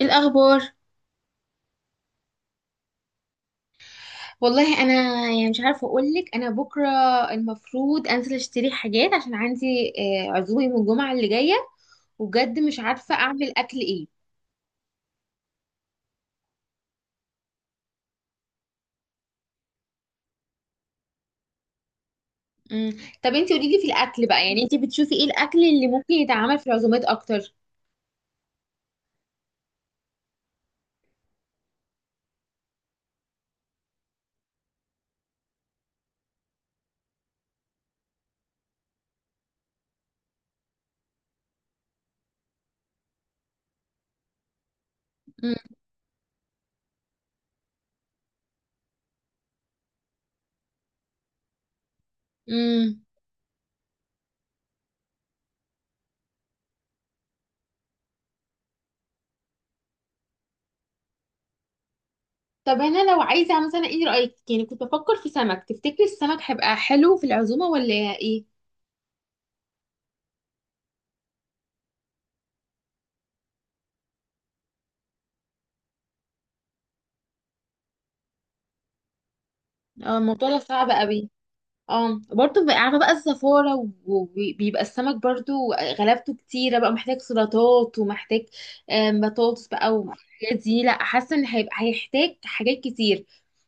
إيه الاخبار؟ والله انا يعني مش عارفه اقول لك، انا بكره المفروض انزل اشتري حاجات عشان عندي عزومه يوم الجمعه اللي جايه، وبجد مش عارفه اعمل اكل ايه. مم. طب انتي قولي لي في الاكل بقى، يعني انتي بتشوفي ايه الاكل اللي ممكن يتعمل في العزومات اكتر؟ مم. مم. طب انا لو عايزه مثلا، ايه رايك؟ يعني كنت بفكر في سمك، تفتكري السمك هيبقى حلو في العزومه ولا ايه؟ اه، الموضوع ده صعب قوي. اه برضه عارفه بقى الزفاره، وبيبقى السمك برضه غلبته كتيره، بقى محتاج سلطات ومحتاج بطاطس بقى والحاجات دي. لا، حاسه ان هيبقى هيحتاج حاجات كتير.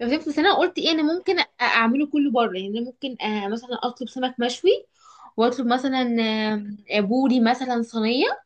فهمت، بس انا قلت ايه، انا ممكن اعمله كله بره، يعني أنا ممكن مثلا اطلب سمك مشوي، واطلب مثلا آم، آه، بوري مثلا صينيه،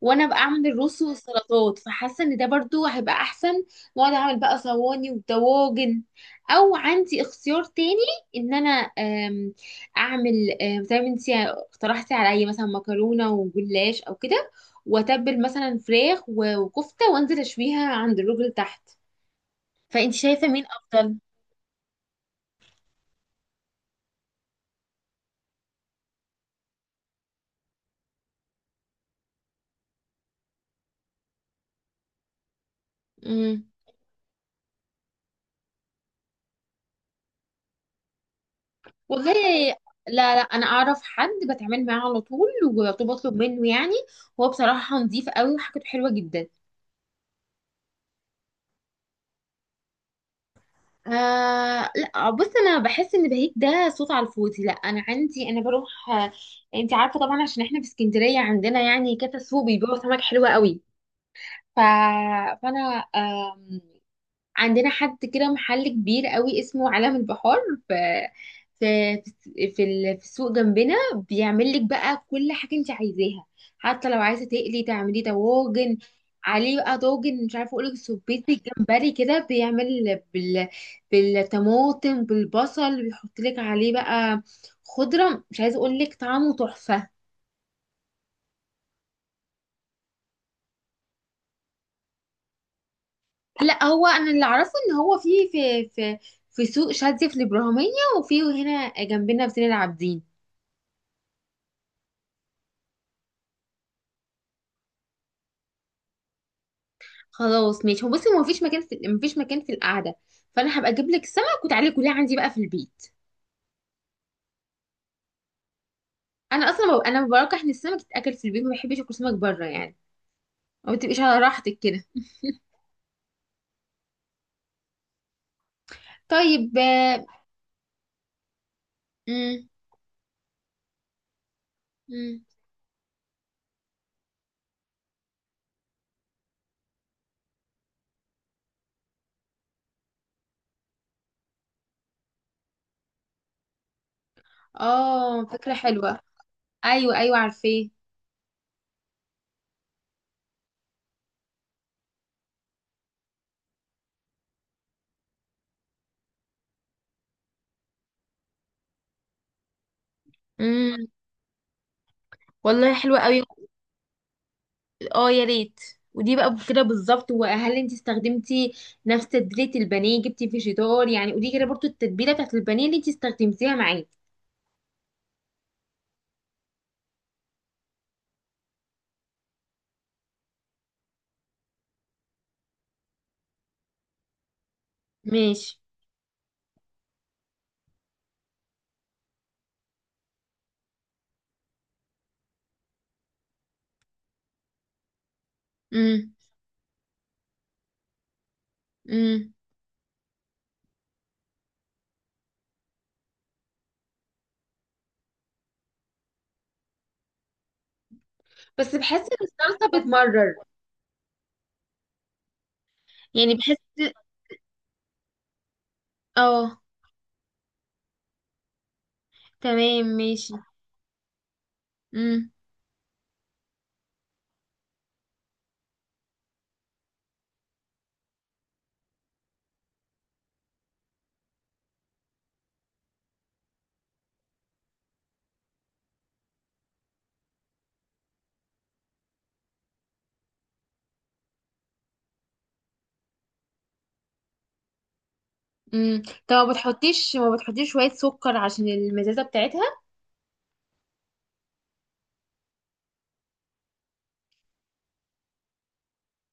وانا بقى اعمل الرز والسلطات، فحاسه ان ده برضو هيبقى احسن. واقعد اعمل بقى صواني ودواجن، او عندي اختيار تاني، ان انا آم، اعمل زي ما انتي اقترحتي عليا مثلا مكرونه وجلاش او كده، واتبل مثلا فراخ وكفته وانزل اشويها عند الراجل تحت. فانت شايفه مين افضل؟ امم والله، لا لا، انا اعرف حد بتعامل معاه على طول وبطلب منه يعني، هو بصراحه نظيف قوي وحاجته حلوه جدا. آه لا، بص انا بحس ان بهيج ده صوت على الفاضي. لا انا عندي، انا بروح. انت عارفه طبعا، عشان احنا في اسكندريه عندنا يعني كذا سوق بيبيعوا سمك حلوه قوي. ف... فانا عندنا حد كده، محل كبير قوي اسمه عالم البحار، في في في السوق جنبنا، بيعمل لك بقى كل حاجة انت عايزاها. حتى لو عايزة تقلي تعملي طواجن عليه بقى، طاجن مش عارفة اقولك، سبيت الجمبري كده بيعمل بالطماطم بالبصل، بيحط لك عليه بقى خضرة، مش عايزة اقولك طعمه تحفة. لا، هو انا اللي اعرفه ان هو في سوق شاذلي في الابراهيمية، وفي هنا جنبنا في سن العابدين. خلاص ماشي، هو بصي هو مفيش مكان في، مفيش مكان في القعده، فانا هبقى اجيب لك سمك وتعالي كلها عندي بقى في البيت. انا اصلا انا برجح ان السمك يتاكل في البيت، ما بحبش اكل سمك بره يعني، ما بتبقيش على راحتك كده. طيب. مم. مم. اه، فكره حلوه. ايوه ايوه، عارفاه. امم والله حلوة قوي. اه يا ريت. ودي بقى كده بالظبط، وهل انت استخدمتي نفس تتبيله البانيه؟ جبتي فيجيتار يعني؟ ودي كده برضو التتبيله بتاعت البانيه اللي انت استخدمتيها معاه؟ ماشي. امم بس بحس ان الصلصة بتمرر. يعني بحس. اه، تمام ماشي. امم. امم. طب ما بتحطيش، ما بتحطيش شوية سكر عشان المزازة بتاعتها؟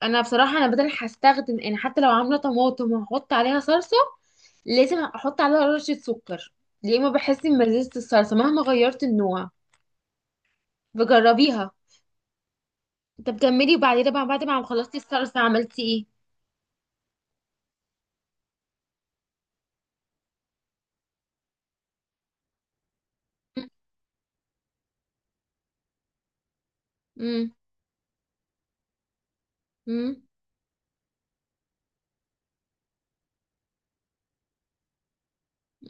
انا بصراحة انا بدل هستخدم يعني، حتى لو عاملة طماطم وهحط عليها صلصة، لازم احط عليها رشة سكر. يا اما بحس ان مزازة الصلصة مهما غيرت النوع، بجربيها. طب كملي، وبعدين بقى بعد ما خلصتي الصلصة عملتي ايه؟ امم. امم.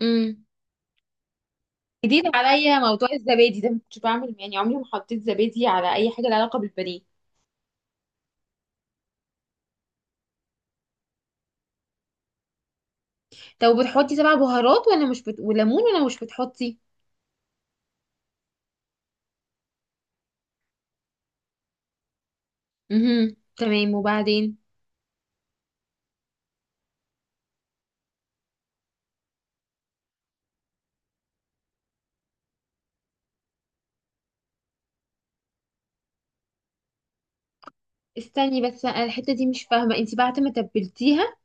امم جديد عليا موضوع الزبادي ده، ما كنتش بعمل يعني، عمري ما حطيت زبادي على اي حاجه لها علاقه بالبانيه. طب بتحطي سبع بهارات ولا مش بت... وليمون، ولا مش بتحطي؟ امم، تمام. وبعدين؟ استني بس، أنا الحته دي مش فاهمه، انت بعد ما تبلتيها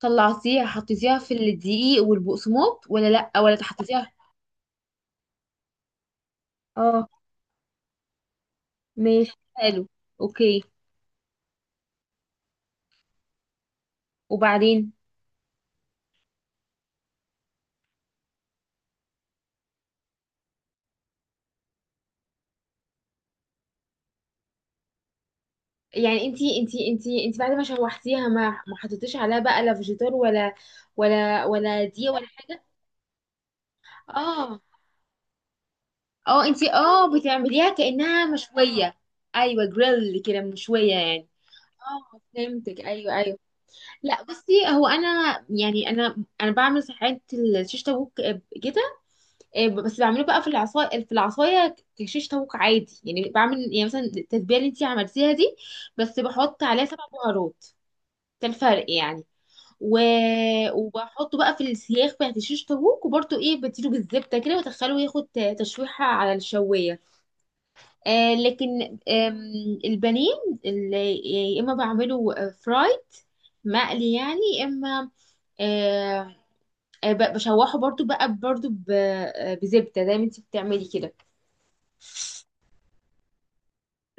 طلعتيها حطيتيها في الدقيق والبقسماط، ولا لا، ولا حطيتيها؟ اه ماشي حلو. اوكي، وبعدين؟ يعني انت بعد ما شوحتيها ما حطيتيش عليها بقى لا فيجيتار ولا دقيق ولا حاجه؟ اه اه، انتي بتعمليها كأنها مشوية؟ ايوه، جريل كده، مشوية يعني. اه فهمتك، ايوه ايوه. لا بصي، هو انا يعني، انا بعمل ساعات الشيش طاووق كده، بس بعمله بقى في العصايه، في العصايه كشيش طاووق عادي يعني، بعمل يعني مثلا التتبيله اللي انتي عملتيها دي، بس بحط عليها سبع بهارات، ده الفرق يعني. و... وبحطه بقى في السياخ بتاعت الشيش طاووق، وبرده ايه، بديله بالزبده كده وادخله ياخد تشويحه على الشوايه. لكن البانيه اللي يا اما بعمله فرايد، مقلي يعني، يا اما آه، بشوحه برضو بقى، بزبدة زي ما انت بتعملي كده.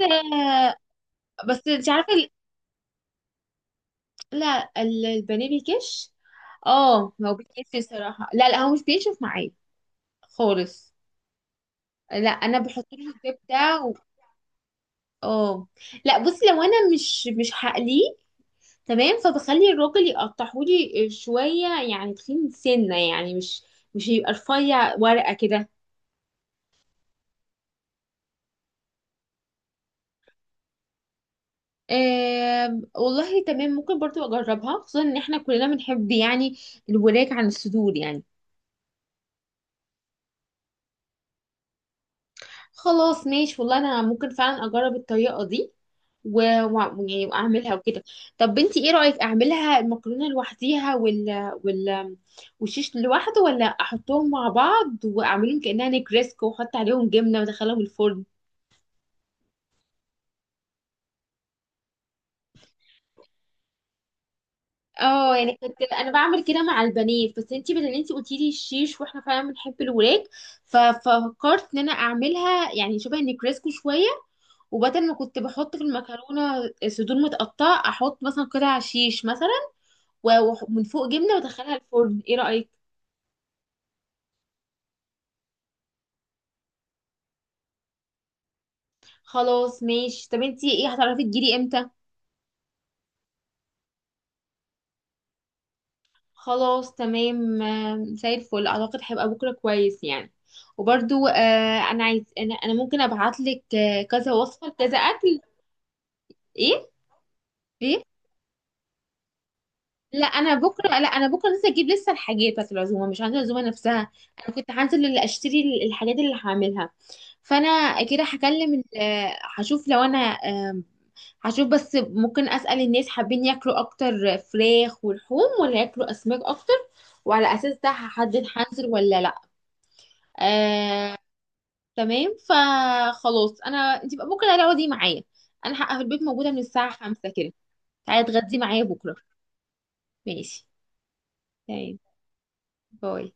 آه، بس انت عارفة لا ال- البانيه بيكش. اه ما هو بيكش الصراحة، لا لا، هو مش بينشف معايا خالص. لا انا بحط له الزبدة. اه لا بصي، لو انا مش هقليه، تمام، فبخلي الراجل يقطعهولي شوية يعني تخين سنة يعني، مش مش يبقى رفيع ورقة كده. والله تمام، ممكن برضو اجربها، خصوصا ان احنا كلنا بنحب يعني الوراك عن الصدور يعني. خلاص ماشي، والله انا ممكن فعلا اجرب الطريقة دي، و... و... يعني واعملها وكده. طب بنتي ايه رأيك، اعملها المكرونة لوحديها وال والشيش لوحده، ولا احطهم مع بعض واعملهم كأنها نجريسكو واحط عليهم جبنة وادخلهم الفرن؟ اه، يعني كنت انا بعمل كده مع البنات، بس انتي بدل، انتي قلتي لي الشيش واحنا فعلا بنحب الوراك، ففكرت ان انا اعملها يعني شبه النجريسكو شويه، وبدل ما كنت بحط في المكرونه صدور متقطعه، احط مثلا قطع شيش مثلا، ومن فوق جبنه وادخلها الفرن. ايه رايك؟ خلاص ماشي. طب انتي ايه، هتعرفي تجيلي امتى؟ خلاص تمام. زي الفل، اعتقد هيبقى بكره كويس يعني. وبرده انا عايز انا انا ممكن ابعت لك كذا وصفه كذا اكل. ايه؟ ايه؟ لا انا بكره لسه اجيب لسه الحاجات بتاعت العزومه، مش هنزل العزومه نفسها. انا كنت هنزل اللي اشتري الحاجات اللي هعملها. فانا كده هكلم هشوف لو انا، هشوف بس، ممكن اسال الناس حابين ياكلوا اكتر فراخ ولحوم، ولا ياكلوا اسماك اكتر، وعلى اساس ده هحدد هنزل ولا لا. آه، تمام، فخلاص، انا انت بقى بكره تعالي اقعدي معايا، انا هبقى في البيت موجوده من الساعه 5 كده. تعالي اتغدي معايا بكره. ماشي، تمام. باي.